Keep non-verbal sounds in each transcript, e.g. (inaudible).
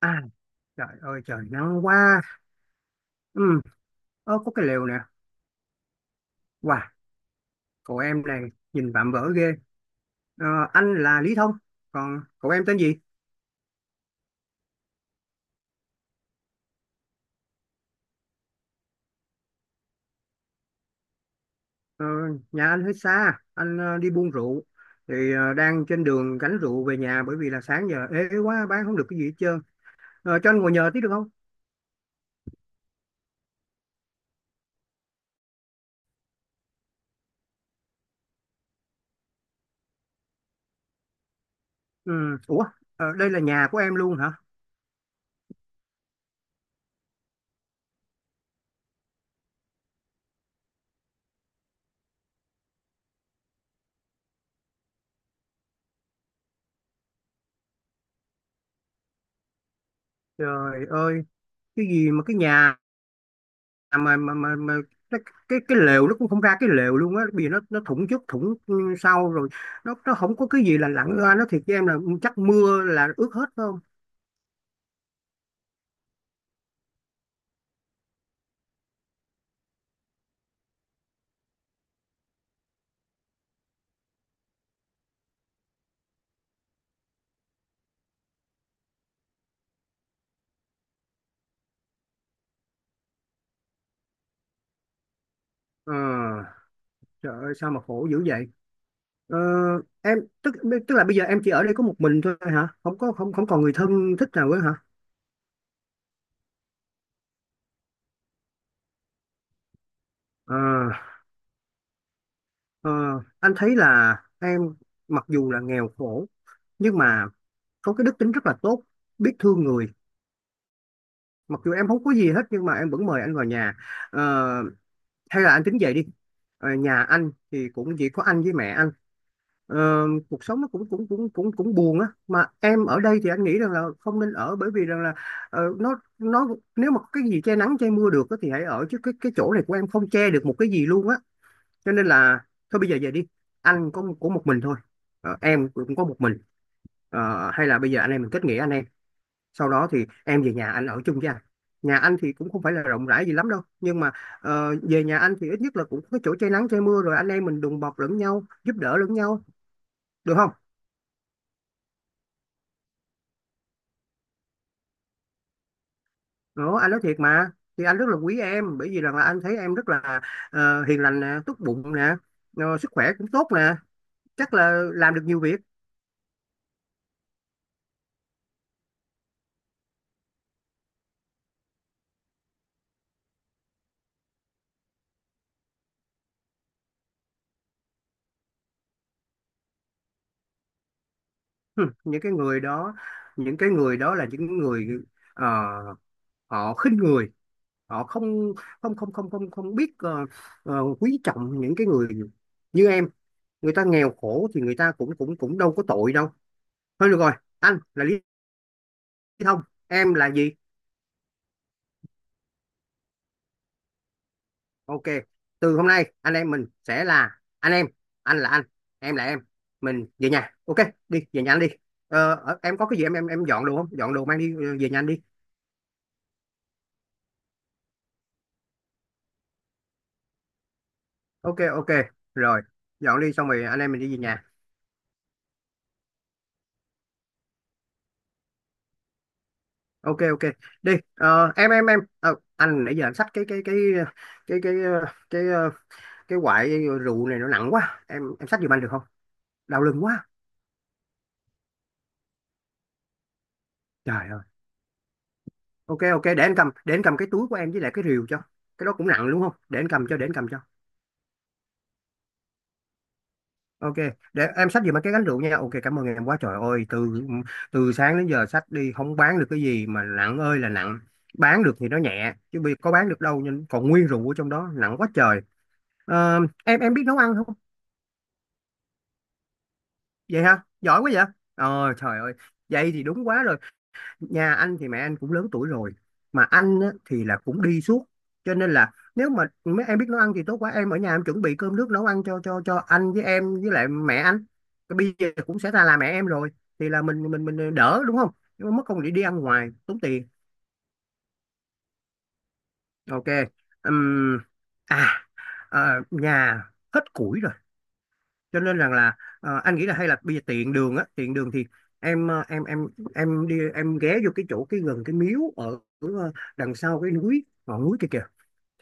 À, trời ơi trời nắng quá. ừ, Ơ, có cái lều nè. Wow, cậu em này nhìn vạm vỡ ghê. Ờ, Anh là Lý Thông. Còn cậu em tên gì? Ờ, Nhà anh hơi xa. Anh đi buôn rượu. Thì đang trên đường gánh rượu về nhà. Bởi vì là sáng giờ ế quá, bán không được cái gì hết trơn. Cho anh ngồi nhờ tí được không? Ừ, ủa, đây là nhà của em luôn hả? Trời ơi, cái gì mà cái nhà. À, mà cái, cái lều nó cũng không ra cái lều luôn á, vì nó thủng trước thủng sau rồi, nó không có cái gì là lặn ra nó thiệt với em là, chắc mưa là ướt hết phải không? ờ Trời ơi, sao mà khổ dữ vậy? ờ, em tức, tức là bây giờ em chỉ ở đây có một mình thôi hả? Không có, không không còn người thân thích nào nữa hả? ờ ờ, anh thấy là em mặc dù là nghèo khổ nhưng mà có cái đức tính rất là tốt, biết thương người. Mặc dù em không có gì hết nhưng mà em vẫn mời anh vào nhà. Ờ, hay là anh tính về đi. Nhà anh thì cũng chỉ có anh với mẹ anh. ờ, Cuộc sống nó cũng cũng cũng cũng cũng buồn á. Mà em ở đây thì anh nghĩ rằng là không nên ở, bởi vì rằng là nó nếu mà cái gì che nắng che mưa được á, thì hãy ở, chứ cái chỗ này của em không che được một cái gì luôn á. Cho nên là thôi bây giờ về đi. Anh có một mình thôi. Em cũng có một mình. Ờ, hay là bây giờ anh em mình kết nghĩa anh em, sau đó thì em về nhà anh ở chung với anh. Nhà anh thì cũng không phải là rộng rãi gì lắm đâu, nhưng mà về nhà anh thì ít nhất là cũng có chỗ che nắng che mưa, rồi anh em mình đùm bọc lẫn nhau, giúp đỡ lẫn nhau, được không? Đó, anh nói thiệt mà. Thì anh rất là quý em, bởi vì rằng là anh thấy em rất là hiền lành nè, tốt bụng nè, sức khỏe cũng tốt nè, chắc là làm được nhiều việc. Hừ, những cái người đó, những cái người đó là những người ờ, họ khinh người, họ không, không không không không không biết quý trọng những cái người như em. Người ta nghèo khổ thì người ta cũng cũng cũng đâu có tội đâu. Thôi được rồi, anh là Lý Thông, em là gì? Ok, từ hôm nay anh em mình sẽ là anh em. Anh là anh, em là em. Mình về nhà, ok? Đi về nhà anh đi. Ờ, em có cái gì em, em dọn đồ không? Dọn đồ mang đi, về nhà anh đi. Ok ok, rồi, dọn đi xong rồi anh em mình đi về nhà. Ok ok, đi. Ờ, em Ờ, anh nãy giờ anh xách cái cái cái ờ, cái quại rượu này nó nặng quá, em xách giùm anh được không? Đau lưng quá, trời ơi. Ok ok, để anh cầm, để anh cầm cái túi của em với lại cái rìu cho. Cái đó cũng nặng đúng không? Để anh cầm cho, để anh cầm cho. Ok, để em xách giùm anh cái gánh rượu nha. Ok, cảm ơn em quá. Trời ơi, từ từ sáng đến giờ xách đi không bán được cái gì mà nặng ơi là nặng. Bán được thì nó nhẹ chứ bây có bán được đâu, nhưng còn nguyên rượu ở trong đó nặng quá trời. Ờ, em biết nấu ăn không? Vậy hả, giỏi quá vậy. Trời ơi, vậy thì đúng quá rồi. Nhà anh thì mẹ anh cũng lớn tuổi rồi, mà anh á, thì là cũng đi suốt. Cho nên là nếu mà mấy em biết nấu ăn thì tốt quá. Em ở nhà em chuẩn bị cơm nước nấu ăn cho anh với em với lại mẹ anh. Cái bây giờ cũng sẽ ra là mẹ em rồi, thì là mình mình đỡ đúng không? Nhưng mà mất công đi đi ăn ngoài tốn tiền. Ok. Ừm, à, À, nhà hết củi rồi. Cho nên rằng là anh nghĩ là hay là bây giờ tiện đường á, tiện đường thì em em em đi, em ghé vô cái chỗ cái gần cái miếu ở đằng sau cái núi ngọn núi kia kìa.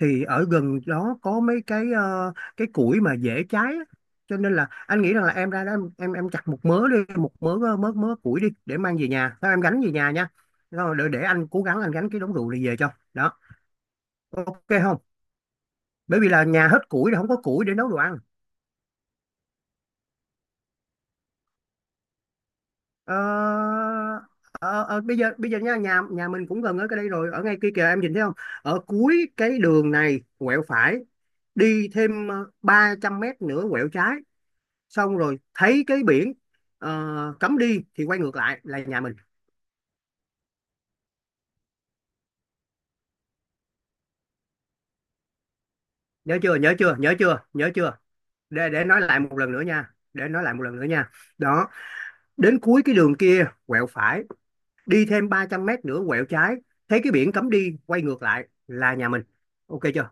Thì ở gần đó có mấy cái cái củi mà dễ cháy á. Cho nên là anh nghĩ rằng là em ra đó em chặt một mớ đi, một mớ mớ mớ củi đi để mang về nhà, sao em gánh về nhà nha. Rồi để anh cố gắng anh gánh cái đống rượu này về cho đó, ok không? Bởi vì là nhà hết củi rồi, không có củi để nấu đồ ăn. Ờ, ờ, bây giờ, bây giờ nha, nhà nhà mình cũng gần ở cái đây rồi, ở ngay kia kìa, em nhìn thấy không? Ở cuối cái đường này quẹo phải, đi thêm 300 mét nữa quẹo trái, xong rồi thấy cái biển cấm đi thì quay ngược lại là nhà mình. Nhớ chưa? Để nói lại một lần nữa nha, để nói lại một lần nữa nha đó, đến cuối cái đường kia quẹo phải, đi thêm 300 mét nữa quẹo trái, thấy cái biển cấm đi quay ngược lại là nhà mình. Ok chưa?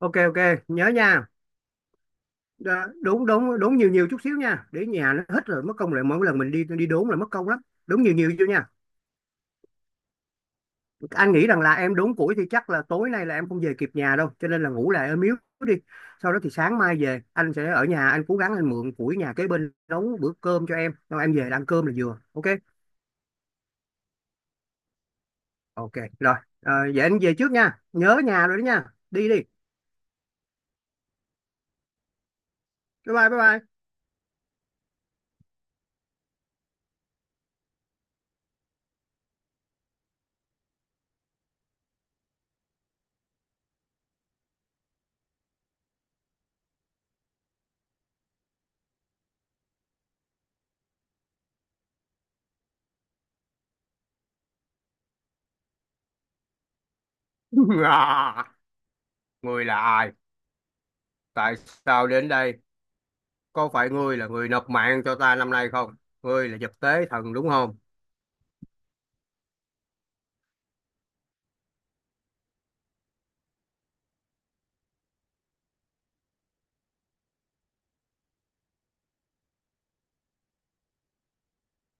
Ok ok, nhớ nha. Đúng, đúng nhiều nhiều chút xíu nha, để nhà nó hết rồi mất công, lại mỗi lần mình đi đi đốn là mất công lắm. Đúng nhiều nhiều vô nha. Anh nghĩ rằng là em đốn củi thì chắc là tối nay là em không về kịp nhà đâu, cho nên là ngủ lại ở miếu đi. Sau đó thì sáng mai về, anh sẽ ở nhà anh cố gắng anh mượn củi nhà kế bên nấu bữa cơm cho em, xong em về là ăn cơm là vừa, ok? Ok rồi. Ờ, vậy anh về trước nha, nhớ nhà rồi đó nha. Đi đi. Bye bye, bye bye. (laughs) À, ngươi là ai? Tại sao đến đây? Có phải ngươi là người nộp mạng cho ta năm nay không? Ngươi là vật tế thần đúng không?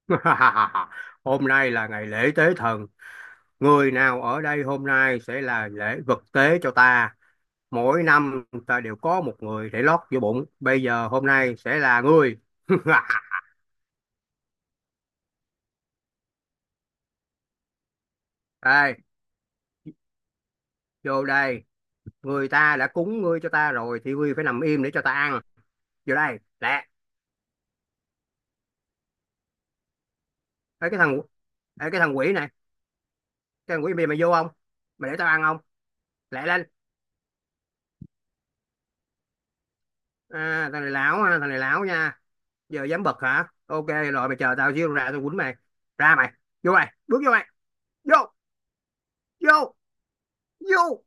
(laughs) Hôm nay là ngày lễ tế thần, người nào ở đây hôm nay sẽ là lễ vật tế cho ta. Mỗi năm ta đều có một người để lót vô bụng, bây giờ hôm nay sẽ là ngươi. (laughs) Đây, vô đây, người ta đã cúng ngươi cho ta rồi thì ngươi phải nằm im để cho ta ăn. Vô đây, lẹ. Ê, cái thằng, ê, cái thằng quỷ này, cái thằng quỷ, mày mày vô không? Mày để tao ăn không? Lẹ lên. À, thằng này lão ha, thằng này lão nha. Giờ dám bật hả? Ok rồi, mày chờ tao xíu, ra tao quýnh mày. Ra mày, vô mày, bước vô mày, vô, vô, vô.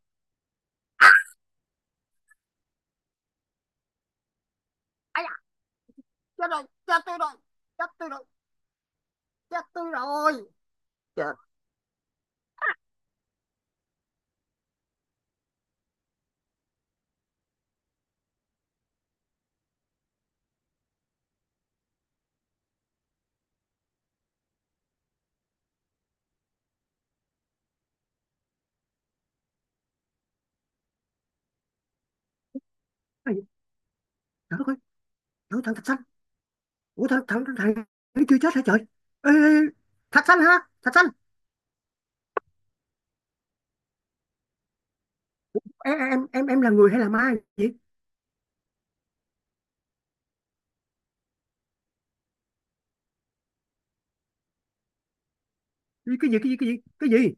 Ai da, chết rồi, chết tôi rồi, chết tôi rồi, chết tôi rồi. Trời. Ây, trời ơi, trời, thằng Thạch Xanh. Ủa thằng thằng thằng thằng nó chưa chết hả trời? Ê, Thạch Xanh hả, Thạch Xanh? Em là người hay là ma vậy? Cái gì?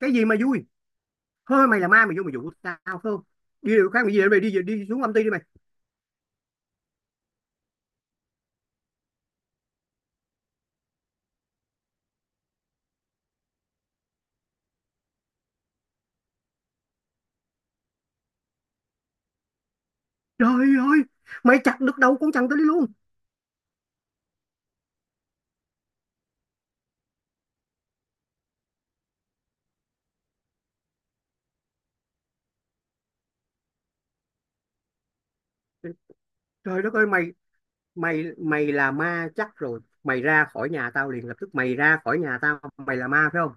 Cái gì mà vui? Thôi mày là ma, mày vô mày dụ tao phải không? Đi điều khác, mày về, mày đi, đi xuống âm ty đi mày. Trời ơi, mày chặt được đầu con chằn tới đi luôn. Trời đất ơi mày, mày là ma chắc rồi, mày ra khỏi nhà tao liền lập tức, mày ra khỏi nhà tao, mày là ma phải không?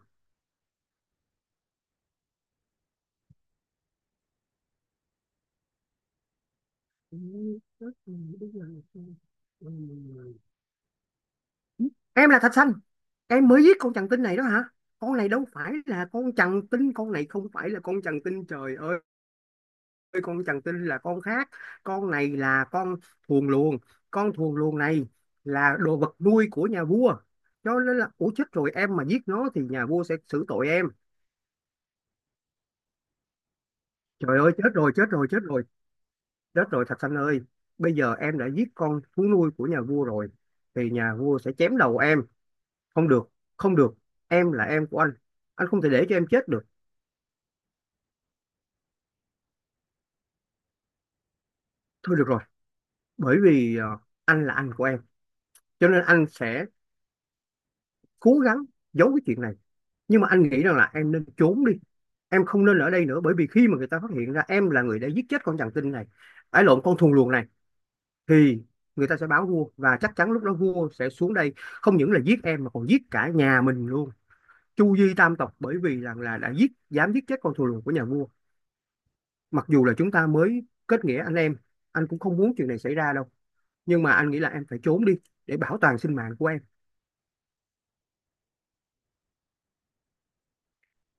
Em là Thạch Xanh? Em mới giết con chằn tinh này đó hả? Con này đâu phải là con chằn tinh, con này không phải là con chằn tinh, trời ơi. Con chằn tinh là con khác, con này là con thuồng luồng. Con thuồng luồng này là đồ vật nuôi của nhà vua, cho nên là ủa chết rồi, em mà giết nó thì nhà vua sẽ xử tội em. Trời ơi chết rồi, chết rồi, chết rồi. Chết rồi Thạch Sanh ơi, bây giờ em đã giết con thú nuôi của nhà vua rồi, thì nhà vua sẽ chém đầu em. Không được, không được, em là em của anh. Anh không thể để cho em chết được. Thôi được rồi, bởi vì anh là anh của em, cho nên anh sẽ cố gắng giấu cái chuyện này. Nhưng mà anh nghĩ rằng là em nên trốn đi. Em không nên ở đây nữa, bởi vì khi mà người ta phát hiện ra em là người đã giết chết con chằn tinh này, ái lộn con thù luồng này, thì người ta sẽ báo vua và chắc chắn lúc đó vua sẽ xuống đây không những là giết em mà còn giết cả nhà mình luôn. Chu Di Tam Tộc, bởi vì rằng là đã giết, dám giết chết con thù lùn của nhà vua. Mặc dù là chúng ta mới kết nghĩa anh em, anh cũng không muốn chuyện này xảy ra đâu, nhưng mà anh nghĩ là em phải trốn đi để bảo toàn sinh mạng của em.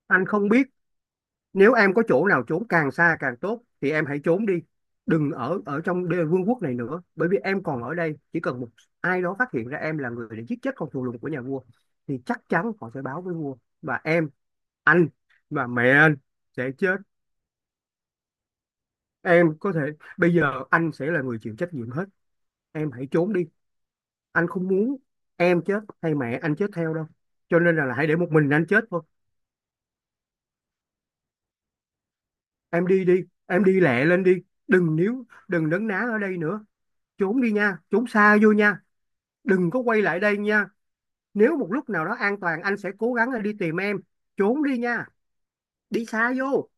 Anh không biết, nếu em có chỗ nào trốn càng xa càng tốt thì em hãy trốn đi, đừng ở, trong đê vương quốc này nữa. Bởi vì em còn ở đây chỉ cần một ai đó phát hiện ra em là người đã giết chết con thù lùn của nhà vua thì chắc chắn họ sẽ báo với vua, và em, anh và mẹ anh sẽ chết. Em có thể, bây giờ anh sẽ là người chịu trách nhiệm hết. Em hãy trốn đi. Anh không muốn em chết hay mẹ anh chết theo đâu. Cho nên là hãy để một mình anh chết thôi. Em đi đi, em đi lẹ lên đi. Đừng níu, đừng nấn ná ở đây nữa. Trốn đi nha, trốn xa vô nha. Đừng có quay lại đây nha. Nếu một lúc nào đó an toàn anh sẽ cố gắng đi tìm em. Trốn đi nha, đi xa vô.